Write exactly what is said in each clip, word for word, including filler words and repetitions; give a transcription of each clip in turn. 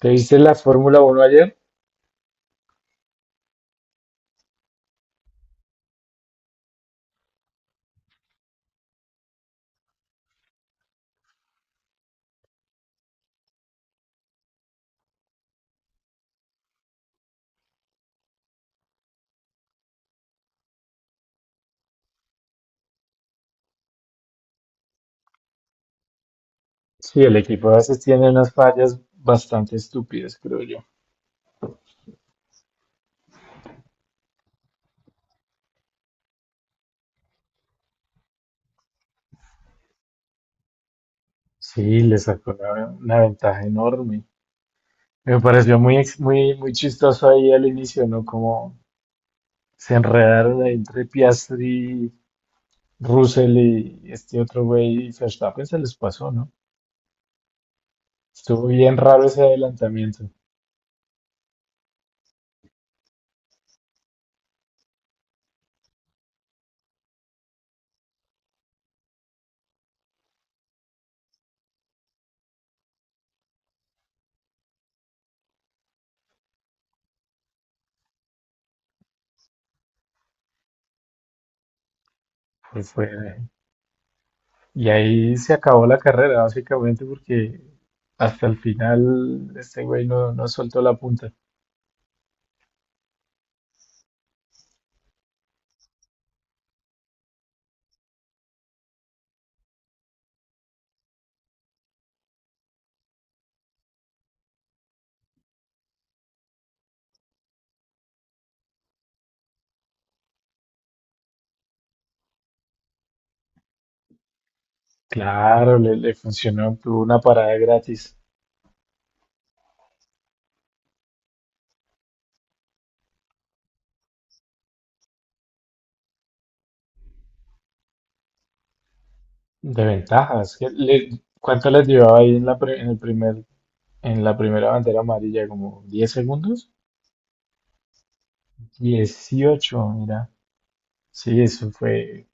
¿Te viste la Fórmula Uno ayer? Sí, el equipo a veces tiene unas fallas bastante estúpidas, creo yo. Sí, le sacó una, una ventaja enorme. Me pareció muy, ex- muy, muy chistoso ahí al inicio, ¿no? Como se enredaron ahí entre Piastri, Russell y este otro güey, y Verstappen se les pasó, ¿no? Estuvo bien raro ese adelantamiento. Fue, fue- y ahí se acabó la carrera, básicamente, porque hasta el final este güey no, no soltó la punta. Claro, le, le funcionó, tuvo una parada gratis de ventajas. que le- ¿Cuánto les llevaba ahí en la, pre- en el primer, en la primera bandera amarilla? ¿Como diez segundos? Dieciocho, mira. Sí, eso fue.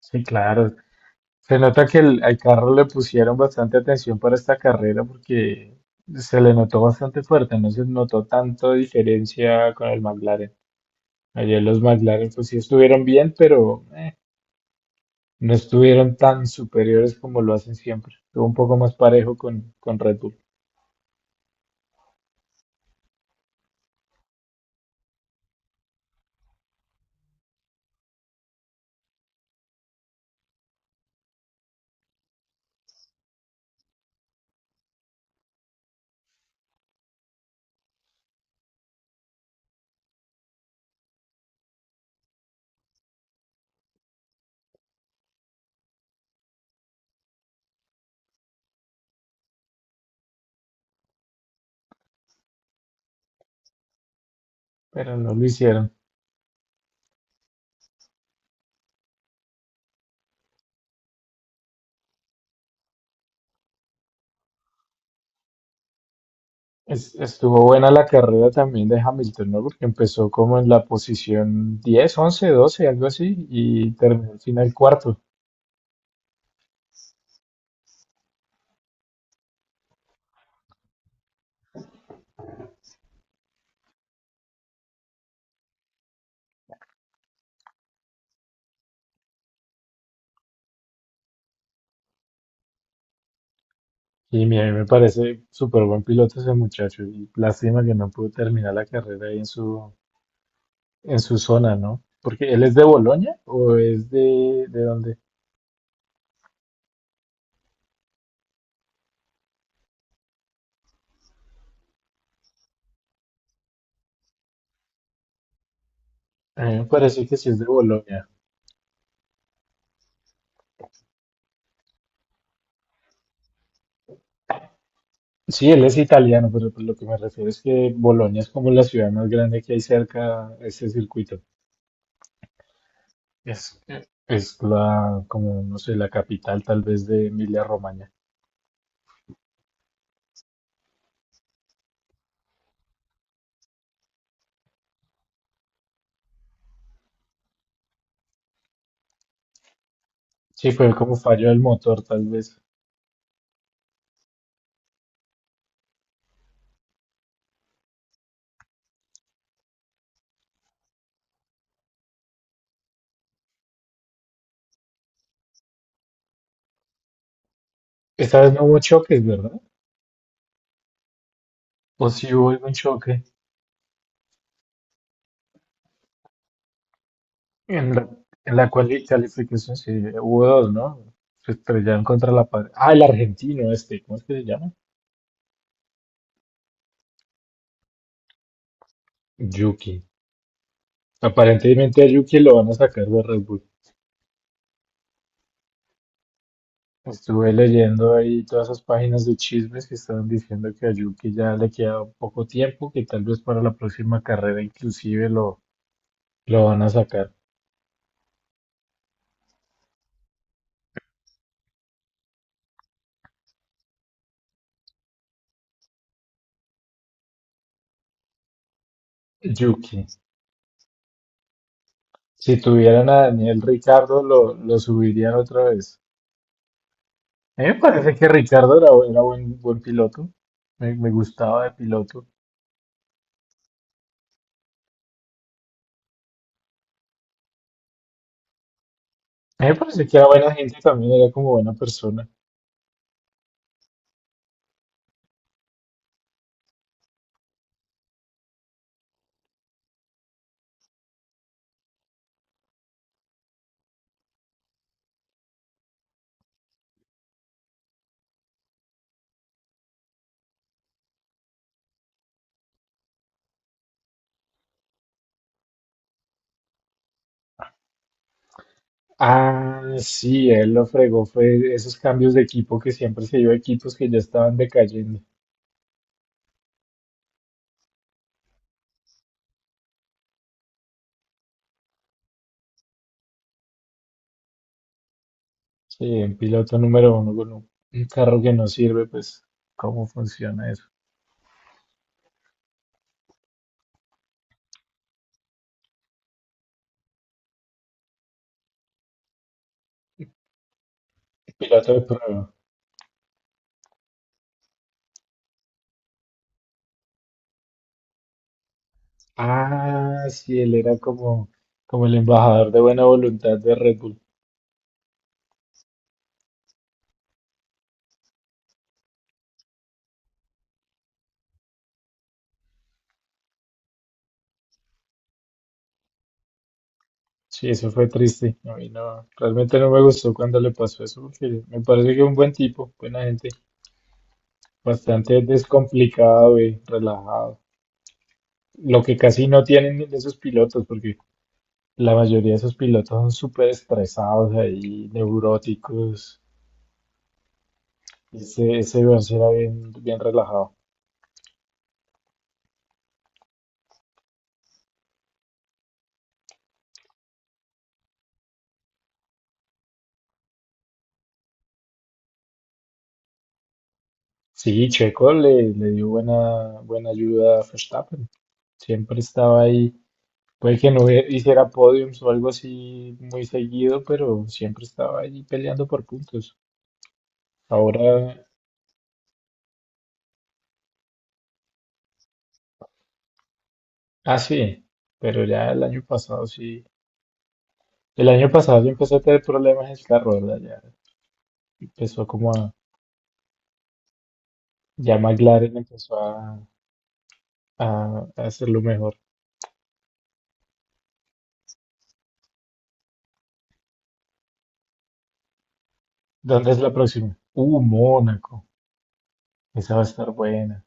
Sí, claro. Se nota que el- al carro le pusieron bastante atención para esta carrera porque se le notó bastante fuerte, no se notó tanto diferencia con el McLaren. Ayer los McLaren pues sí estuvieron bien, pero... eh, no estuvieron tan superiores como lo hacen siempre. Estuvo un poco más parejo con, con Red Bull, pero no lo hicieron. Es- estuvo buena la carrera también de Hamilton, ¿no? Porque empezó como en la posición diez, once, doce, algo así, y terminó al final cuarto. Y mi- a mí me parece súper buen piloto ese muchacho, y lástima que no pudo terminar la carrera ahí en su, en su zona, ¿no? ¿Porque él es de Bolonia o es de, de dónde? A mí me parece que sí es de Bolonia. Sí, él es italiano, pero pues lo que me refiero es que Bolonia es como la ciudad más grande que hay cerca a ese circuito. Es, es la, como, no sé, la capital tal vez de Emilia-Romagna. Sí, fue como fallo del motor tal vez. Esta vez no hubo choques, ¿verdad? ¿O sí hubo algún choque en la, en la cuali- calificación? Sí, hubo dos, ¿no? Se estrellaron contra la pared. Ah, el argentino este, ¿cómo es que se llama? Yuki. Aparentemente a Yuki lo van a sacar de Red Bull. Estuve leyendo ahí todas esas páginas de chismes que estaban diciendo que a Yuki ya le queda poco tiempo, que tal vez para la próxima carrera inclusive lo, lo van a sacar. Yuki, si tuvieran a Daniel Ricardo, lo, lo subirían otra vez. A mí me parece que Ricardo era, bu- era buen, buen piloto, me, me gustaba de piloto. A mí me parece que era buena gente también, era como buena persona. Ah, sí, él lo fregó, fue esos cambios de equipo que siempre se dio a equipos que ya estaban decayendo. Sí, un piloto número uno con un, un carro que no sirve, pues, ¿cómo funciona eso? Piloto de prueba. Ah, sí, él era como, como el embajador de buena voluntad de Red Bull. Sí, eso fue triste. A mí no, realmente no me gustó cuando le pasó eso, porque me parece que es un buen tipo, buena gente, bastante descomplicado y relajado. Lo que casi no tienen de esos pilotos, porque la mayoría de esos pilotos son súper estresados ahí, neuróticos. Ese, ese Vance era bien, bien relajado. Sí, Checo le, le dio buena, buena ayuda a Verstappen. Siempre estaba ahí. Puede que no hubie- hiciera podiums o algo así muy seguido, pero siempre estaba ahí peleando por puntos. Ahora, ah, sí, pero ya el año pasado sí. El año pasado ya empezó a tener problemas el carro, ¿verdad? Ya empezó como a. Ya McLaren empezó a, a, a hacerlo mejor. ¿Dónde es la próxima? Uh, Mónaco. Esa va a estar buena.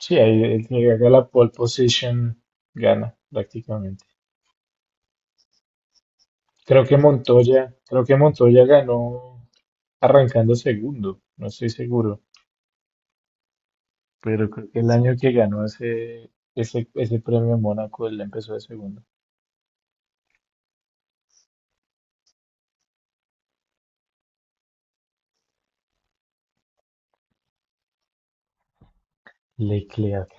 Sí, ahí el que haga la pole position gana prácticamente. Creo que Montoya, creo que Montoya ganó arrancando segundo, no estoy seguro, pero creo que el año que ganó ese, ese, ese premio en Mónaco, él empezó de segundo. Leclerc,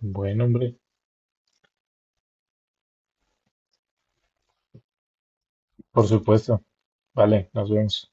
buen hombre, por supuesto. Vale, nos vemos.